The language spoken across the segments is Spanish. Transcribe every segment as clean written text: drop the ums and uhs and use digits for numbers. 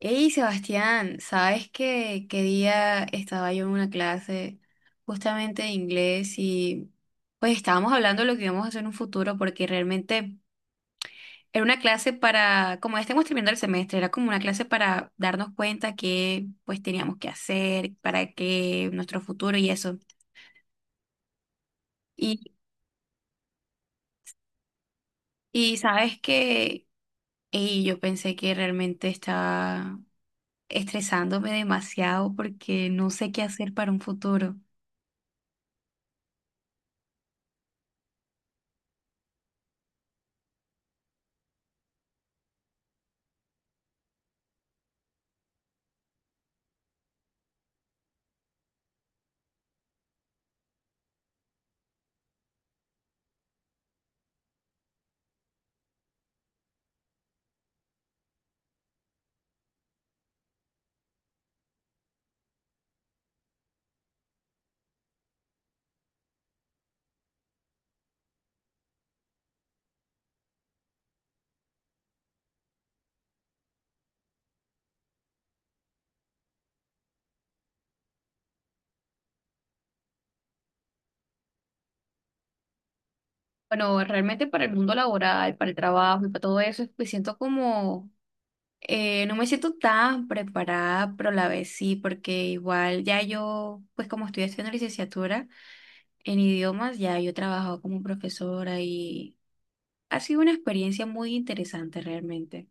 Hey Sebastián, ¿sabes qué, qué día estaba yo en una clase justamente de inglés y pues estábamos hablando de lo que íbamos a hacer en un futuro porque realmente era una clase para, como ya estamos terminando el semestre, era como una clase para darnos cuenta que pues teníamos que hacer, para que nuestro futuro y eso. Y, y sabes que ey, yo pensé que realmente estaba estresándome demasiado porque no sé qué hacer para un futuro. Bueno, realmente para el mundo laboral, para el trabajo y para todo eso, me siento como, no me siento tan preparada, pero a la vez sí, porque igual ya yo, pues como estoy haciendo licenciatura en idiomas, ya yo he trabajado como profesora y ha sido una experiencia muy interesante realmente.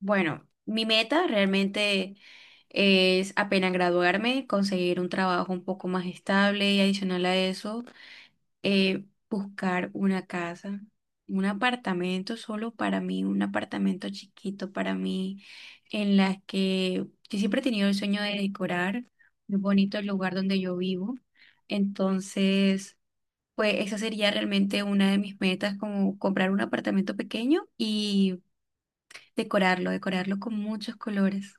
Bueno, mi meta realmente es apenas graduarme, conseguir un trabajo un poco más estable y adicional a eso buscar una casa, un apartamento solo para mí, un apartamento chiquito para mí, en las que yo siempre he tenido el sueño de decorar muy bonito el lugar donde yo vivo. Entonces, pues esa sería realmente una de mis metas, como comprar un apartamento pequeño y decorarlo, decorarlo con muchos colores.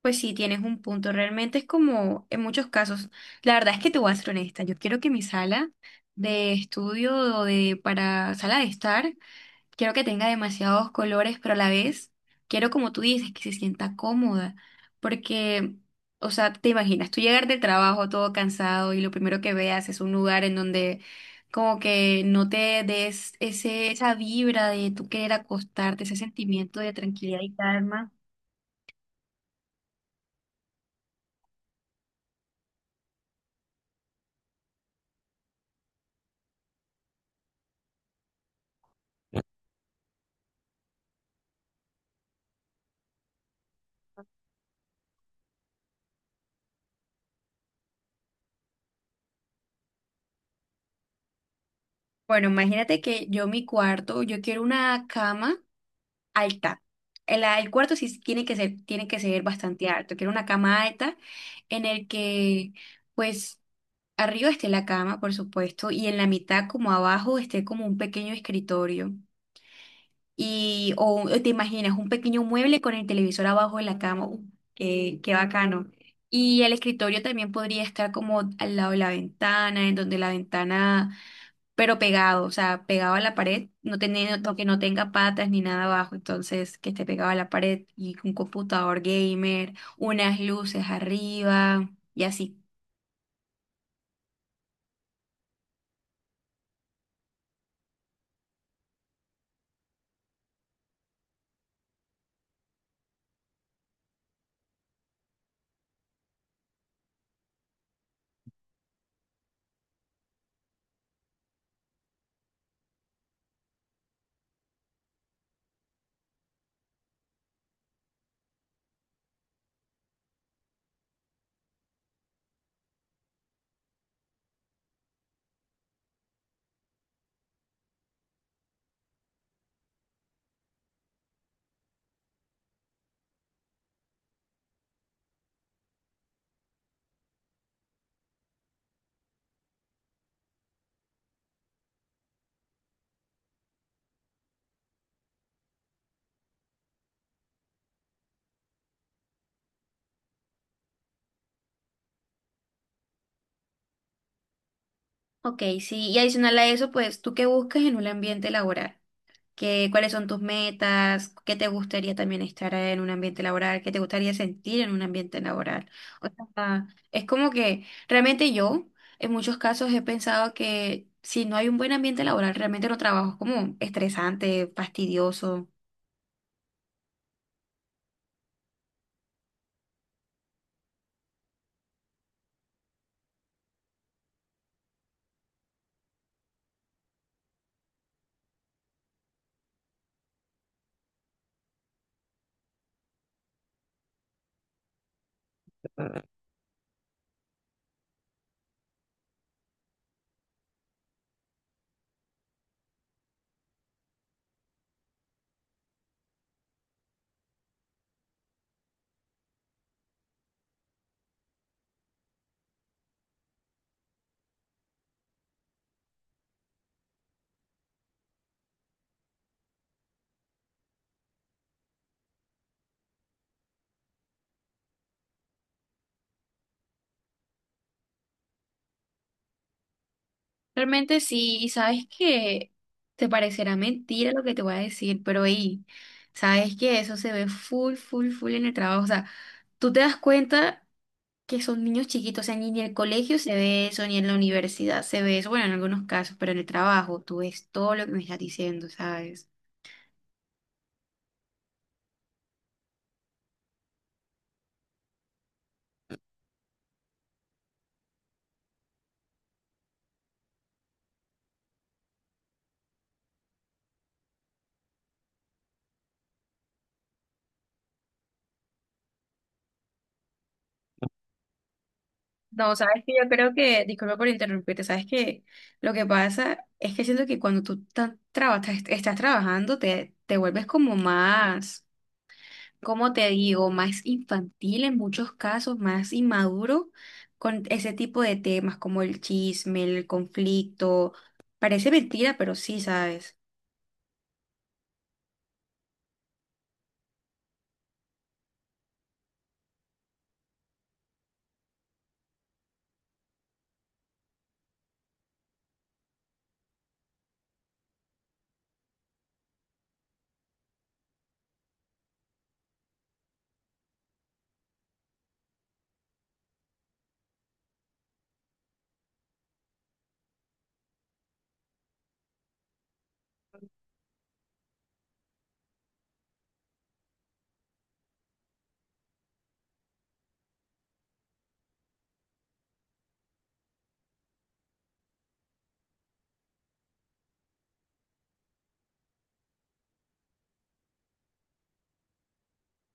Pues sí, tienes un punto. Realmente es como en muchos casos. La verdad es que te voy a ser honesta. Yo quiero que mi sala de estudio o de para sala de estar, quiero que tenga demasiados colores, pero a la vez quiero, como tú dices, que se sienta cómoda. Porque, o sea, te imaginas, tú llegar del trabajo todo cansado y lo primero que veas es un lugar en donde como que no te des ese, esa vibra de tú querer acostarte, ese sentimiento de tranquilidad y calma. Bueno, imagínate que yo mi cuarto, yo quiero una cama alta. El cuarto sí tiene que ser bastante alto. Quiero una cama alta en el que, pues, arriba esté la cama, por supuesto, y en la mitad, como abajo, esté como un pequeño escritorio. Y, o te imaginas, un pequeño mueble con el televisor abajo de la cama. Qué, qué bacano. Y el escritorio también podría estar como al lado de la ventana, en donde la ventana pero pegado, o sea, pegado a la pared, no teniendo, que no tenga patas ni nada abajo, entonces que esté pegado a la pared y un computador gamer, unas luces arriba y así. Ok, sí, y adicional a eso, pues, ¿tú qué buscas en un ambiente laboral? Que- ¿cuáles son tus metas, qué te gustaría también estar en un ambiente laboral, qué te gustaría sentir en un ambiente laboral? O sea, es como que realmente yo en muchos casos he pensado que si no hay un buen ambiente laboral, realmente no trabajo, es como estresante, fastidioso. Realmente sí, y sabes que te parecerá mentira lo que te voy a decir, pero ahí, sabes que eso se ve full, full, full en el trabajo. O sea, tú te das cuenta. Que son niños chiquitos, o sea, ni en el colegio se ve eso, ni en la universidad se ve eso, bueno, en algunos casos, pero en el trabajo tú ves todo lo que me estás diciendo, ¿sabes? No, sabes que yo creo que, disculpa por interrumpirte, sabes que lo que pasa es que siento que cuando tú estás trabajando te, te vuelves como más, ¿cómo te digo? Más infantil en muchos casos, más inmaduro con ese tipo de temas como el chisme, el conflicto. Parece mentira, pero sí, ¿sabes?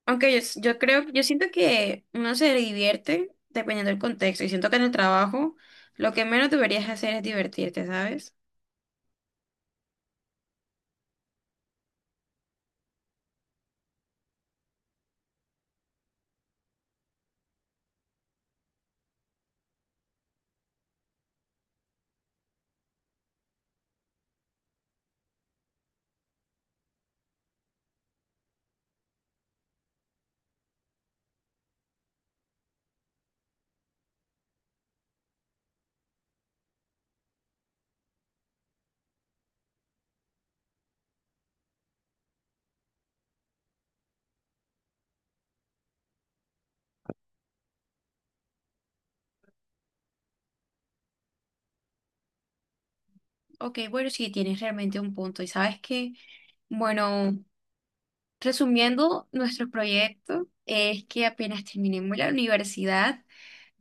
Aunque yo, yo creo, yo siento que uno se divierte dependiendo del contexto y siento que en el trabajo lo que menos deberías hacer es divertirte, ¿sabes? Ok, bueno, sí, tienes realmente un punto. Y sabes que, bueno, resumiendo nuestro proyecto, es que apenas terminemos la universidad,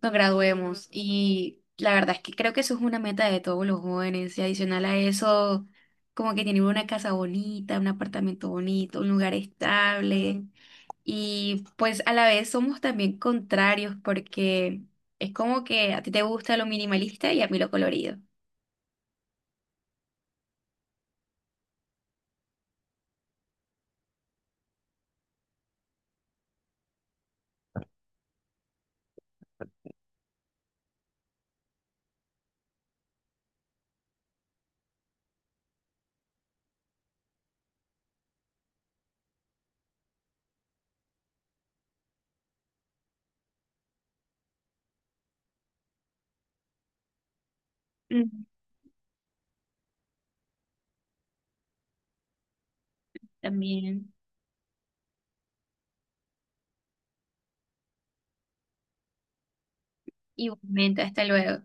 nos graduemos y la verdad es que creo que eso es una meta de todos los jóvenes y adicional a eso, como que tener una casa bonita, un apartamento bonito, un lugar estable. Y pues a la vez somos también contrarios porque es como que a ti te gusta lo minimalista y a mí lo colorido. Mm, también. Igualmente, hasta luego.